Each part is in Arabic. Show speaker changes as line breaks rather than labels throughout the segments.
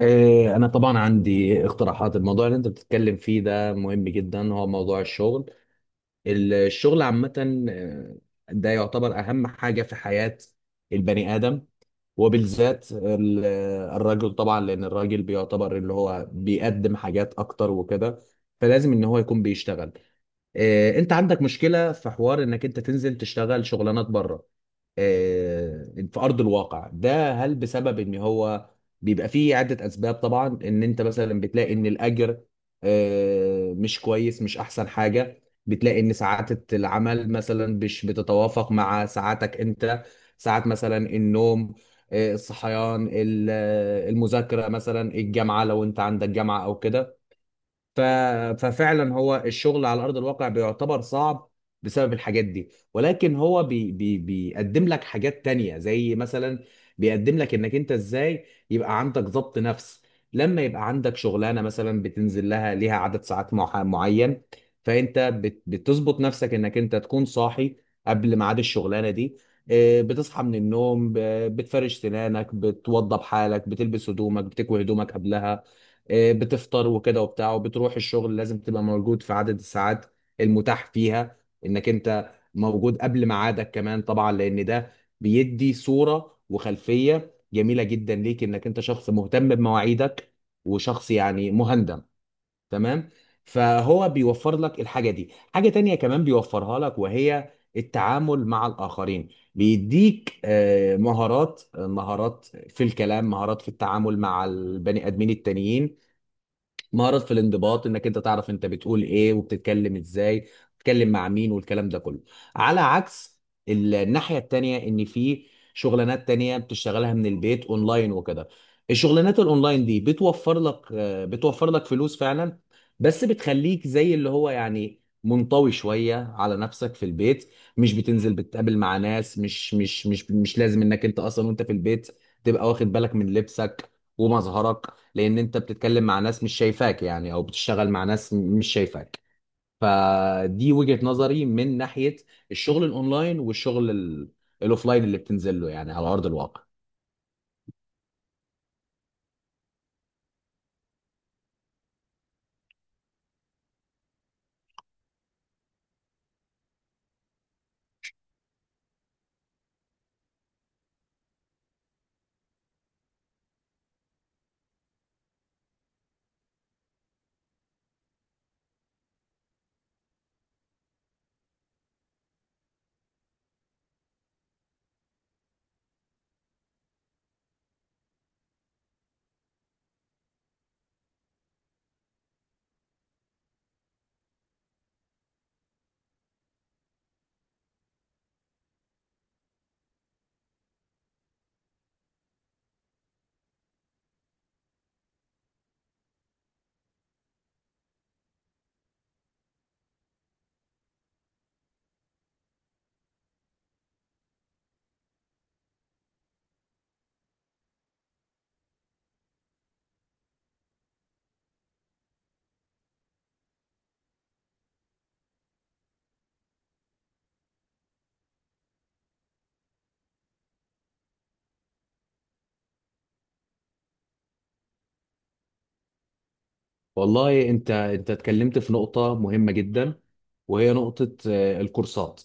إيه، أنا طبعا عندي اقتراحات. الموضوع اللي أنت بتتكلم فيه ده مهم جدا، هو موضوع الشغل، الشغل عامة. آه، ده يعتبر أهم حاجة في حياة البني آدم، وبالذات الرجل طبعا، لأن الراجل بيعتبر اللي هو بيقدم حاجات أكتر وكده، فلازم إن هو يكون بيشتغل. إيه، أنت عندك مشكلة في حوار إنك أنت تنزل تشتغل شغلانات بره، آه، في ارض الواقع. ده هل بسبب ان هو بيبقى فيه عده اسباب طبعا، ان انت مثلا بتلاقي ان الاجر مش كويس، مش احسن حاجه، بتلاقي ان ساعات العمل مثلا مش بتتوافق مع ساعاتك انت، ساعات مثلا النوم، الصحيان، المذاكره مثلا، الجامعه لو انت عندك جامعه او كده. ف... ففعلا هو الشغل على ارض الواقع بيعتبر صعب بسبب الحاجات دي. ولكن هو بيقدم لك حاجات تانية، زي مثلا بيقدم لك انك انت ازاي يبقى عندك ضبط نفس. لما يبقى عندك شغلانه مثلا بتنزل لها، ليها عدد ساعات معين، فانت بتظبط نفسك انك انت تكون صاحي قبل ميعاد الشغلانه دي. بتصحى من النوم، بتفرش سنانك، بتوضب حالك، بتلبس هدومك، بتكوي هدومك قبلها، بتفطر وكده وبتاع، وبتروح الشغل. لازم تبقى موجود في عدد الساعات المتاح فيها، انك انت موجود قبل ميعادك كمان طبعا، لان ده بيدي صورة وخلفية جميلة جدا ليك، انك انت شخص مهتم بمواعيدك، وشخص يعني مهندم، تمام. فهو بيوفر لك الحاجة دي. حاجة تانية كمان بيوفرها لك، وهي التعامل مع الآخرين. بيديك مهارات، مهارات في الكلام، مهارات في التعامل مع البني آدمين التانيين، مهارات في الانضباط، انك انت تعرف انت بتقول ايه وبتتكلم ازاي، بتتكلم مع مين، والكلام ده كله. على عكس الناحية التانية، ان في شغلانات تانية بتشتغلها من البيت اونلاين وكده. الشغلانات الاونلاين دي بتوفر لك، بتوفر لك فلوس فعلا، بس بتخليك زي اللي هو يعني منطوي شوية على نفسك في البيت. مش بتنزل بتقابل مع ناس، مش لازم انك انت اصلا وانت في البيت تبقى واخد بالك من لبسك ومظهرك، لان انت بتتكلم مع ناس مش شايفاك يعني، او بتشتغل مع ناس مش شايفاك. فدي وجهة نظري من ناحية الشغل الاونلاين، والشغل الاوفلاين اللي بتنزل له يعني على ارض الواقع. والله انت، انت اتكلمت في نقطة مهمة جدا، وهي نقطة الكورسات.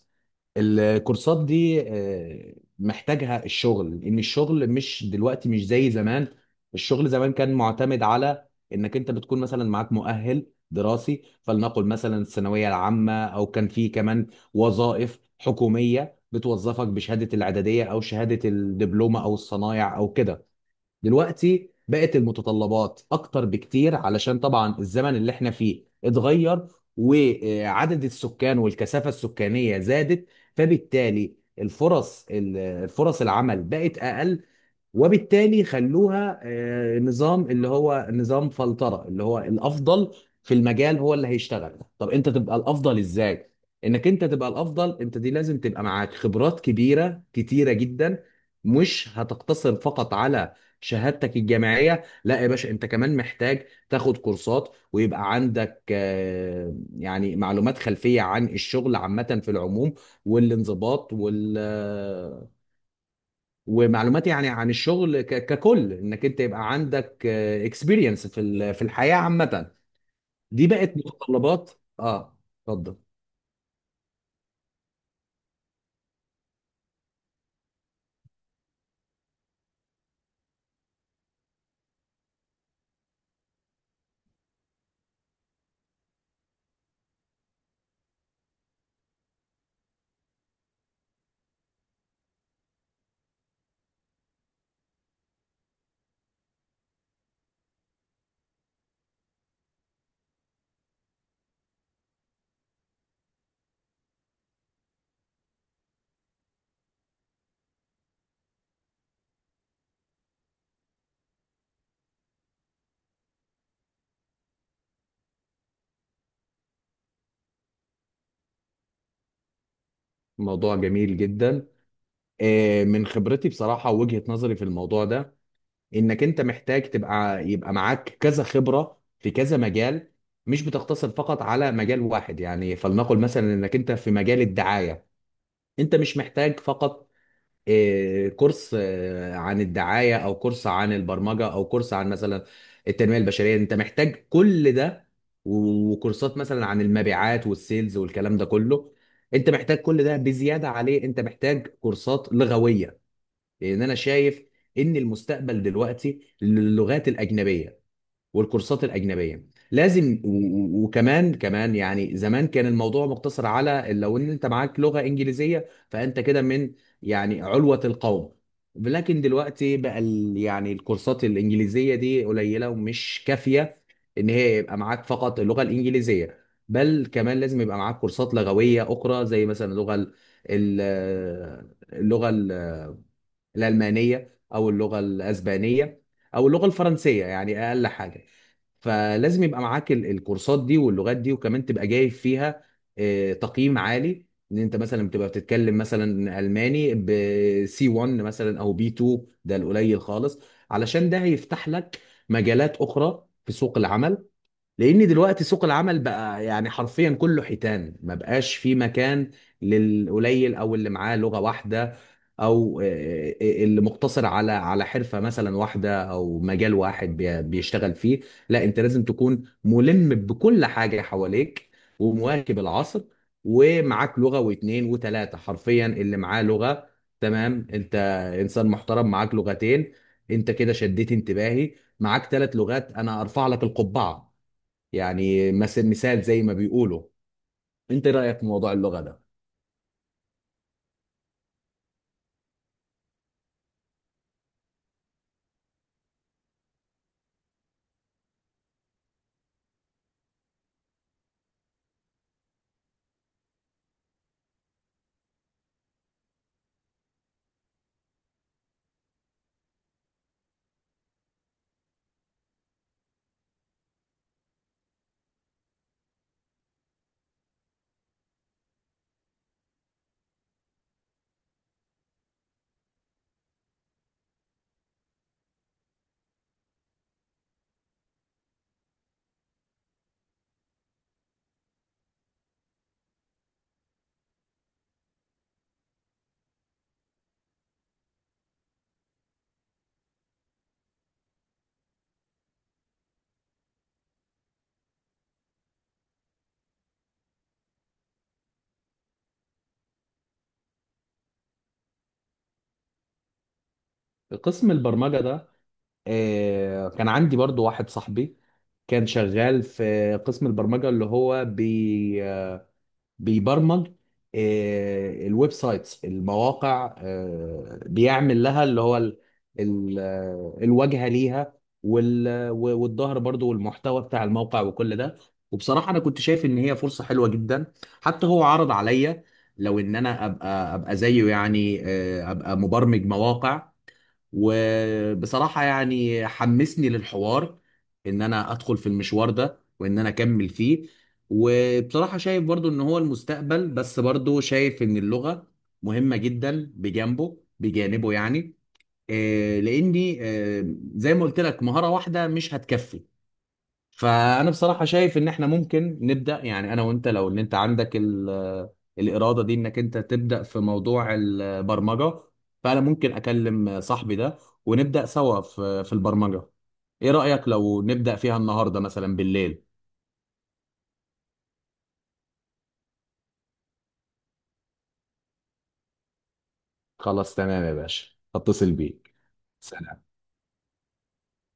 الكورسات دي محتاجها الشغل، ان الشغل مش دلوقتي مش زي زمان. الشغل زمان كان معتمد على انك انت بتكون مثلا معاك مؤهل دراسي، فلنقل مثلا الثانويه العامه، او كان في كمان وظائف حكوميه بتوظفك بشهاده الاعداديه او شهاده الدبلومه او الصنايع او كده. دلوقتي بقت المتطلبات اكتر بكتير، علشان طبعا الزمن اللي احنا فيه اتغير، وعدد السكان والكثافة السكانية زادت، فبالتالي الفرص الفرص العمل بقت اقل. وبالتالي خلوها نظام اللي هو نظام فلترة، اللي هو الافضل في المجال هو اللي هيشتغل. طب انت تبقى الافضل ازاي؟ انك انت تبقى الافضل انت، دي لازم تبقى معاك خبرات كبيرة كتيرة جدا، مش هتقتصر فقط على شهادتك الجامعية. لا يا باشا، انت كمان محتاج تاخد كورسات، ويبقى عندك يعني معلومات خلفية عن الشغل عامة في العموم، والانضباط، وال آه، ومعلومات يعني عن الشغل ككل، انك انت يبقى عندك اكسبيرينس في في الحياة عامة. دي بقت متطلبات. اه، اتفضل. موضوع جميل جدا. من خبرتي بصراحة ووجهة نظري في الموضوع ده، انك انت محتاج تبقى، يبقى معاك كذا خبرة في كذا مجال، مش بتقتصر فقط على مجال واحد. يعني فلنقل مثلا انك انت في مجال الدعاية، انت مش محتاج فقط كورس عن الدعاية، او كورس عن البرمجة، او كورس عن مثلا التنمية البشرية. انت محتاج كل ده، وكورسات مثلا عن المبيعات والسيلز والكلام ده كله. انت محتاج كل ده، بزيادة عليه انت محتاج كورسات لغوية، لان انا شايف ان المستقبل دلوقتي للغات الأجنبية. والكورسات الاجنبيه لازم، وكمان، كمان يعني زمان كان الموضوع مقتصر على لو ان انت معاك لغه انجليزيه، فانت كده من يعني علوه القوم. لكن دلوقتي بقى يعني الكورسات الانجليزيه دي قليله ومش كافيه، ان هي يبقى معاك فقط اللغه الانجليزيه. بل كمان لازم يبقى معاك كورسات لغويه اخرى، زي مثلا ال- اللغه الألمانية، أو اللغة الأسبانية، أو اللغة الفرنسية، يعني أقل حاجة. فلازم يبقى معاك الكورسات دي واللغات دي، وكمان تبقى جايب فيها تقييم عالي، ان انت مثلا بتبقى بتتكلم مثلا الماني ب سي C1 مثلا، او بي B2، ده القليل خالص. علشان ده هيفتح لك مجالات اخرى في سوق العمل، لان دلوقتي سوق العمل بقى يعني حرفيا كله حيتان، ما بقاش في مكان للقليل او اللي معاه لغة واحدة، او اللي مقتصر على على حرفة مثلا واحدة او مجال واحد بيشتغل فيه. لا، انت لازم تكون ملم بكل حاجة حواليك، ومواكب العصر، ومعاك لغة واتنين وتلاتة. حرفيا اللي معاه لغة، تمام. انت انسان محترم، معاك لغتين، انت كده شديت انتباهي. معاك ثلاث لغات، انا ارفع لك القبعة، يعني مثل، مثال زي ما بيقولوا. انت إيه رأيك في موضوع اللغة ده؟ قسم البرمجة ده، كان عندي برضو واحد صاحبي كان شغال في قسم البرمجة، اللي هو بيبرمج الويب سايتس، المواقع، بيعمل لها اللي هو الواجهة ليها، و والظهر برضو، والمحتوى بتاع الموقع وكل ده. وبصراحة أنا كنت شايف إن هي فرصة حلوة جدا، حتى هو عرض عليا لو إن أنا أبقى أبقى زيه، يعني أبقى مبرمج مواقع. وبصراحة يعني حمسني للحوار ان انا ادخل في المشوار ده وان انا اكمل فيه. وبصراحة شايف برضو ان هو المستقبل، بس برضو شايف ان اللغة مهمة جدا بجانبه، بجانبه يعني، لاني زي ما قلت لك مهارة واحدة مش هتكفي. فانا بصراحه شايف ان احنا ممكن نبدا، يعني انا وانت، لو ان انت عندك ال آه، الاراده دي انك انت تبدا في موضوع البرمجه، فانا ممكن اكلم صاحبي ده، ونبدا سوا في البرمجه. ايه رايك لو نبدا فيها النهارده مثلا بالليل؟ خلاص تمام يا باشا، هتصل بيك. سلام.